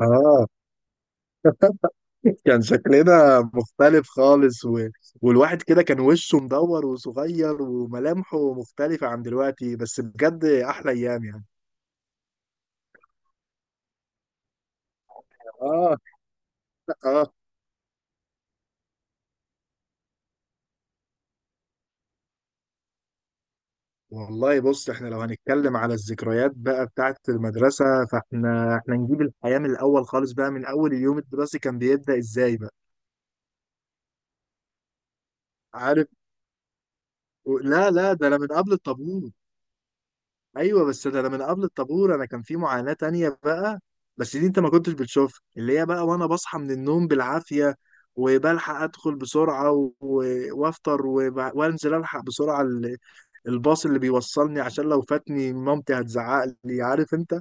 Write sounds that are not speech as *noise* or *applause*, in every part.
اه، كان شكلنا مختلف خالص والواحد كده كان وشه مدور وصغير وملامحه مختلفة عن دلوقتي، بس بجد احلى ايام يعني. اه اه والله بص، احنا لو هنتكلم على الذكريات بقى بتاعت المدرسة، فاحنا نجيب الحياة من الاول خالص بقى، من اول اليوم الدراسي كان بيبدأ ازاي بقى. عارف، لا لا، ده انا من قبل الطابور. ايوه بس ده انا من قبل الطابور، انا كان في معاناة تانية بقى. بس دي انت ما كنتش بتشوفها، اللي هي بقى وانا بصحى من النوم بالعافية، وبلحق ادخل بسرعة وافطر وانزل الحق بسرعة الباص اللي بيوصلني، عشان لو فاتني مامتي هتزعق لي، عارف انت.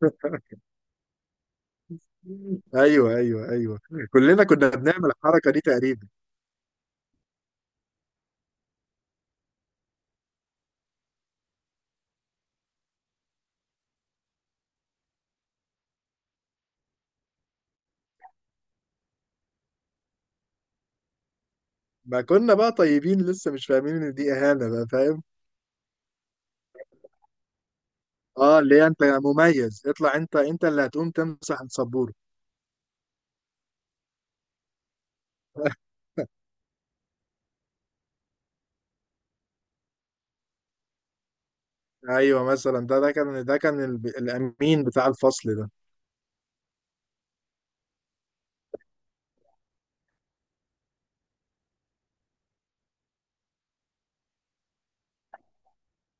*laughs* ايوه، ايوه، ايوه، كلنا كنا بنعمل الحركة دي تقريبا. ما كنا بقى طيبين، لسه مش فاهمين ان دي اهانة بقى، فاهم. اه، اللي هي انت مميز، اطلع انت اللي هتقوم تمسح السبورة. ايوه مثلا، ده كان الامين بتاع الفصل ده.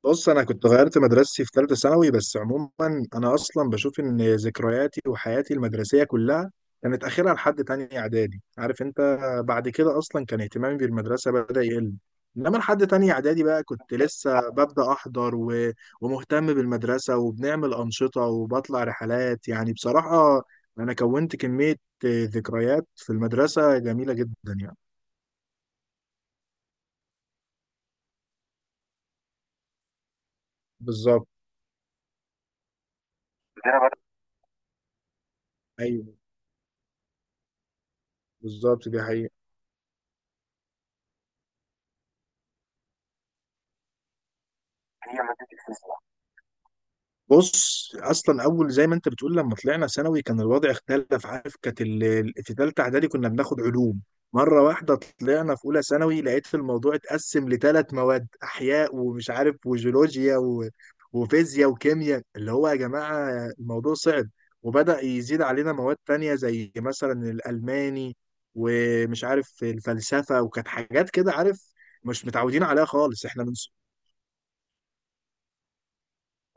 بص، انا كنت غيرت مدرستي في ثالثه ثانوي، بس عموما انا اصلا بشوف ان ذكرياتي وحياتي المدرسيه كلها كانت اخرها لحد تانية اعدادي، عارف انت. بعد كده اصلا كان اهتمامي بالمدرسه بدا يقل. انما لحد تانية اعدادي بقى كنت لسه ببدا احضر ومهتم بالمدرسه، وبنعمل انشطه وبطلع رحلات، يعني بصراحه انا كونت كميه ذكريات في المدرسه جميله جدا، يعني. بالظبط، دي انا بقى. ايوه بالظبط، دي حقيقة. هي ماده الفيزياء. بص، اصلا اول زي ما انت بتقول، لما طلعنا ثانوي كان الوضع اختلف، عارف، كانت في ثالثه اعدادي كنا بناخد علوم مره واحده. طلعنا في اولى ثانوي لقيت في الموضوع اتقسم لثلاث مواد، احياء ومش عارف وجيولوجيا وفيزياء وكيمياء، اللي هو يا جماعه الموضوع صعب، وبدأ يزيد علينا مواد تانية زي مثلا الالماني ومش عارف الفلسفه، وكانت حاجات كده، عارف مش متعودين عليها خالص احنا من.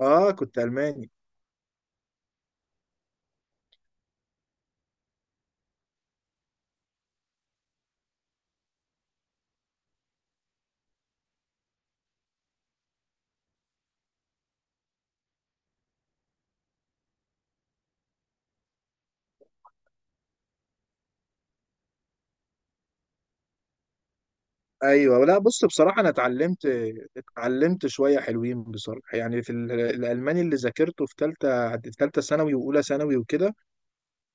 اه كنت الماني. ايوه، لا بص بصراحه انا اتعلمت شويه حلوين بصراحه، يعني في الالماني اللي ذاكرته في ثالثه ثانوي واولى ثانوي وكده،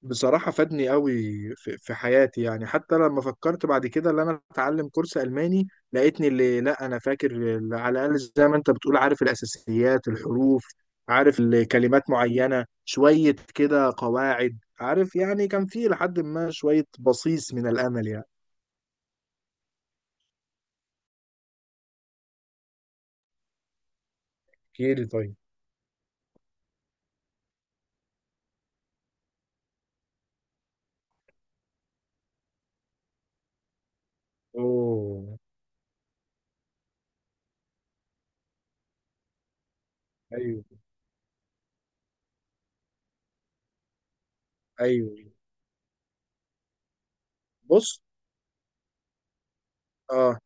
بصراحه فادني قوي في حياتي، يعني حتى لما فكرت بعد كده ان انا اتعلم كورس الماني لقيتني اللي لا انا فاكر، اللي على الاقل زي ما انت بتقول عارف الاساسيات الحروف، عارف الكلمات معينه شويه كده قواعد، عارف يعني كان في لحد ما شويه بصيص من الامل يعني. احكي لي طيب. اوه. ايوه ايوه. بص. اه.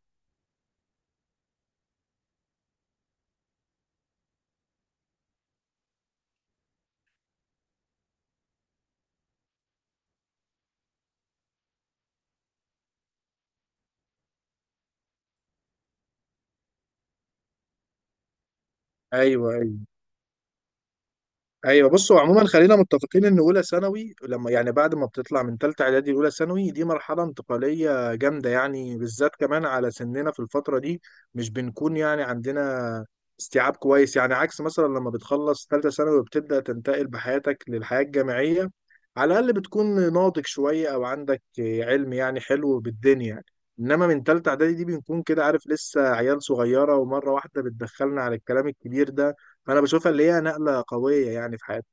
ايوه أيوه. ايوه بصوا عموما، خلينا متفقين ان اولى ثانوي، لما يعني بعد ما بتطلع من ثالثه اعدادي لاولى ثانوي، دي مرحله انتقاليه جامده، يعني بالذات كمان على سننا في الفتره دي مش بنكون يعني عندنا استيعاب كويس، يعني عكس مثلا لما بتخلص ثالثه ثانوي وبتبدا تنتقل بحياتك للحياه الجامعيه، على الاقل بتكون ناضج شويه او عندك علم يعني حلو بالدنيا، يعني. انما من ثالثه اعدادي دي بنكون كده عارف لسه عيال صغيره، ومره واحده بتدخلنا على الكلام الكبير ده، فانا بشوفها اللي هي نقله قويه يعني في حياه.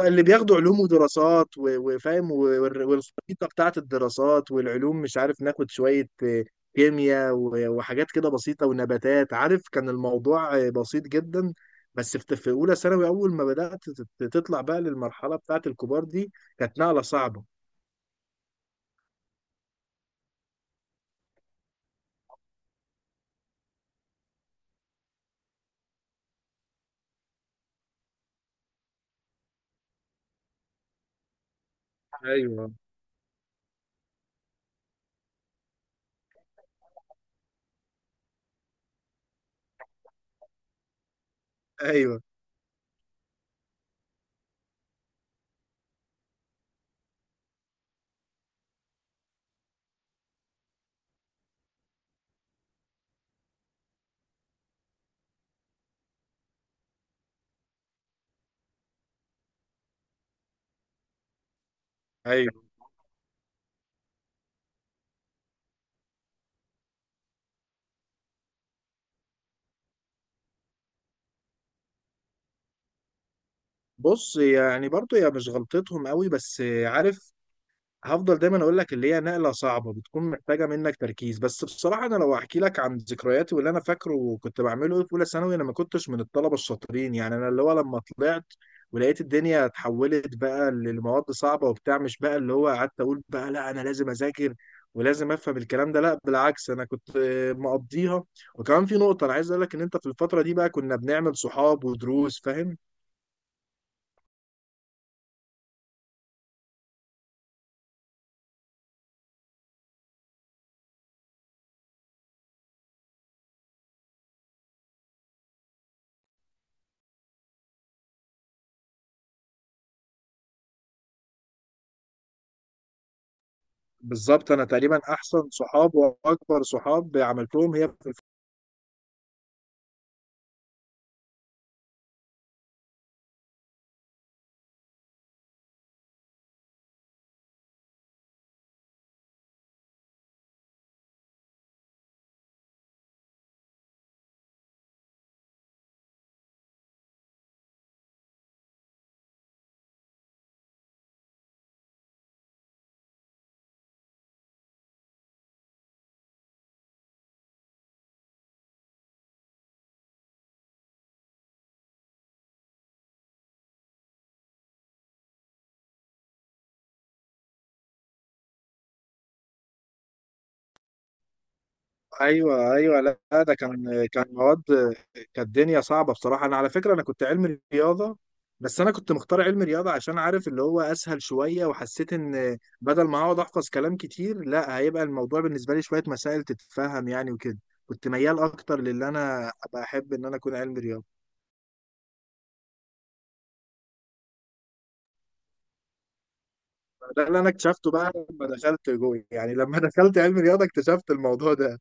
اللي بياخدوا علوم ودراسات وفاهم والخريطه بتاعت الدراسات والعلوم، مش عارف ناخد شويه كيمياء وحاجات كده بسيطه ونباتات، عارف كان الموضوع بسيط جدا. بس في اولى ثانوي اول ما بدات تطلع بقى للمرحله بتاعت الكبار دي، كانت نقله صعبه. ايوه ايوه ايوه. بص يعني برضو هي مش غلطتهم قوي، بس عارف هفضل دايما اقول لك اللي هي نقله صعبه بتكون محتاجه منك تركيز، بس بصراحه انا لو احكي لك عن ذكرياتي واللي انا فاكره وكنت بعمله في اولى ثانوي، انا ما كنتش من الطلبه الشاطرين يعني، انا اللي هو لما طلعت ولقيت الدنيا اتحولت بقى للمواد صعبه وبتاع، مش بقى اللي هو قعدت اقول بقى لا انا لازم اذاكر ولازم افهم الكلام ده، لا بالعكس انا كنت مقضيها. وكمان في نقطه انا عايز اقول لك ان انت في الفتره دي بقى كنا بنعمل صحاب ودروس، فاهم. بالظبط، انا تقريبا احسن صحاب واكبر صحاب عملتهم هي في. ايوه ايوه، لا ده كان مواد، كانت الدنيا صعبه بصراحه. انا على فكره انا كنت علمي رياضه، بس انا كنت مختار علمي رياضه عشان عارف اللي هو اسهل شويه، وحسيت ان بدل ما اقعد احفظ كلام كتير لا هيبقى الموضوع بالنسبه لي شويه مسائل تتفهم يعني وكده. كنت ميال اكتر للي انا ابقى احب ان انا اكون علمي رياضه. ده اللي انا اكتشفته بقى لما دخلت جوه، يعني لما *laughs* دخلت علمي رياضه اكتشفت الموضوع ده.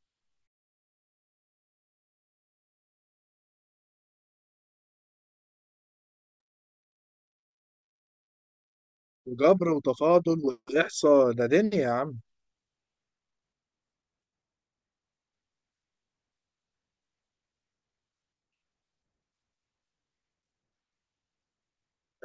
وجبر وتفاضل واحصاء، ده دنيا يا عم.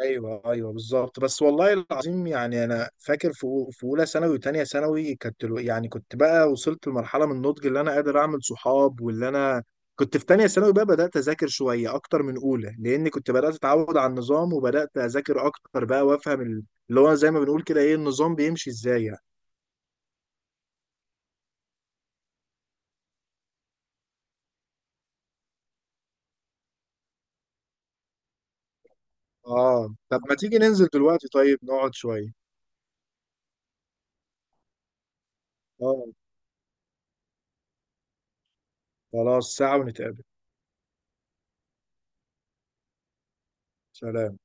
ايوه ايوه بالظبط، بس والله العظيم يعني انا فاكر في اولى ثانوي وثانيه ثانوي، يعني كنت بقى وصلت لمرحله من النضج اللي انا قادر اعمل صحاب، واللي انا كنت في ثانيه ثانوي بقى بدات اذاكر شويه اكتر من اولى، لان كنت بدات اتعود على النظام وبدات اذاكر اكتر بقى وافهم اللي هو زي ما بنقول كده ايه النظام بيمشي ازاي يعني. اه طب ما تيجي ننزل دلوقتي، طيب نقعد شويه. اه خلاص، ساعه ونتقابل. سلام.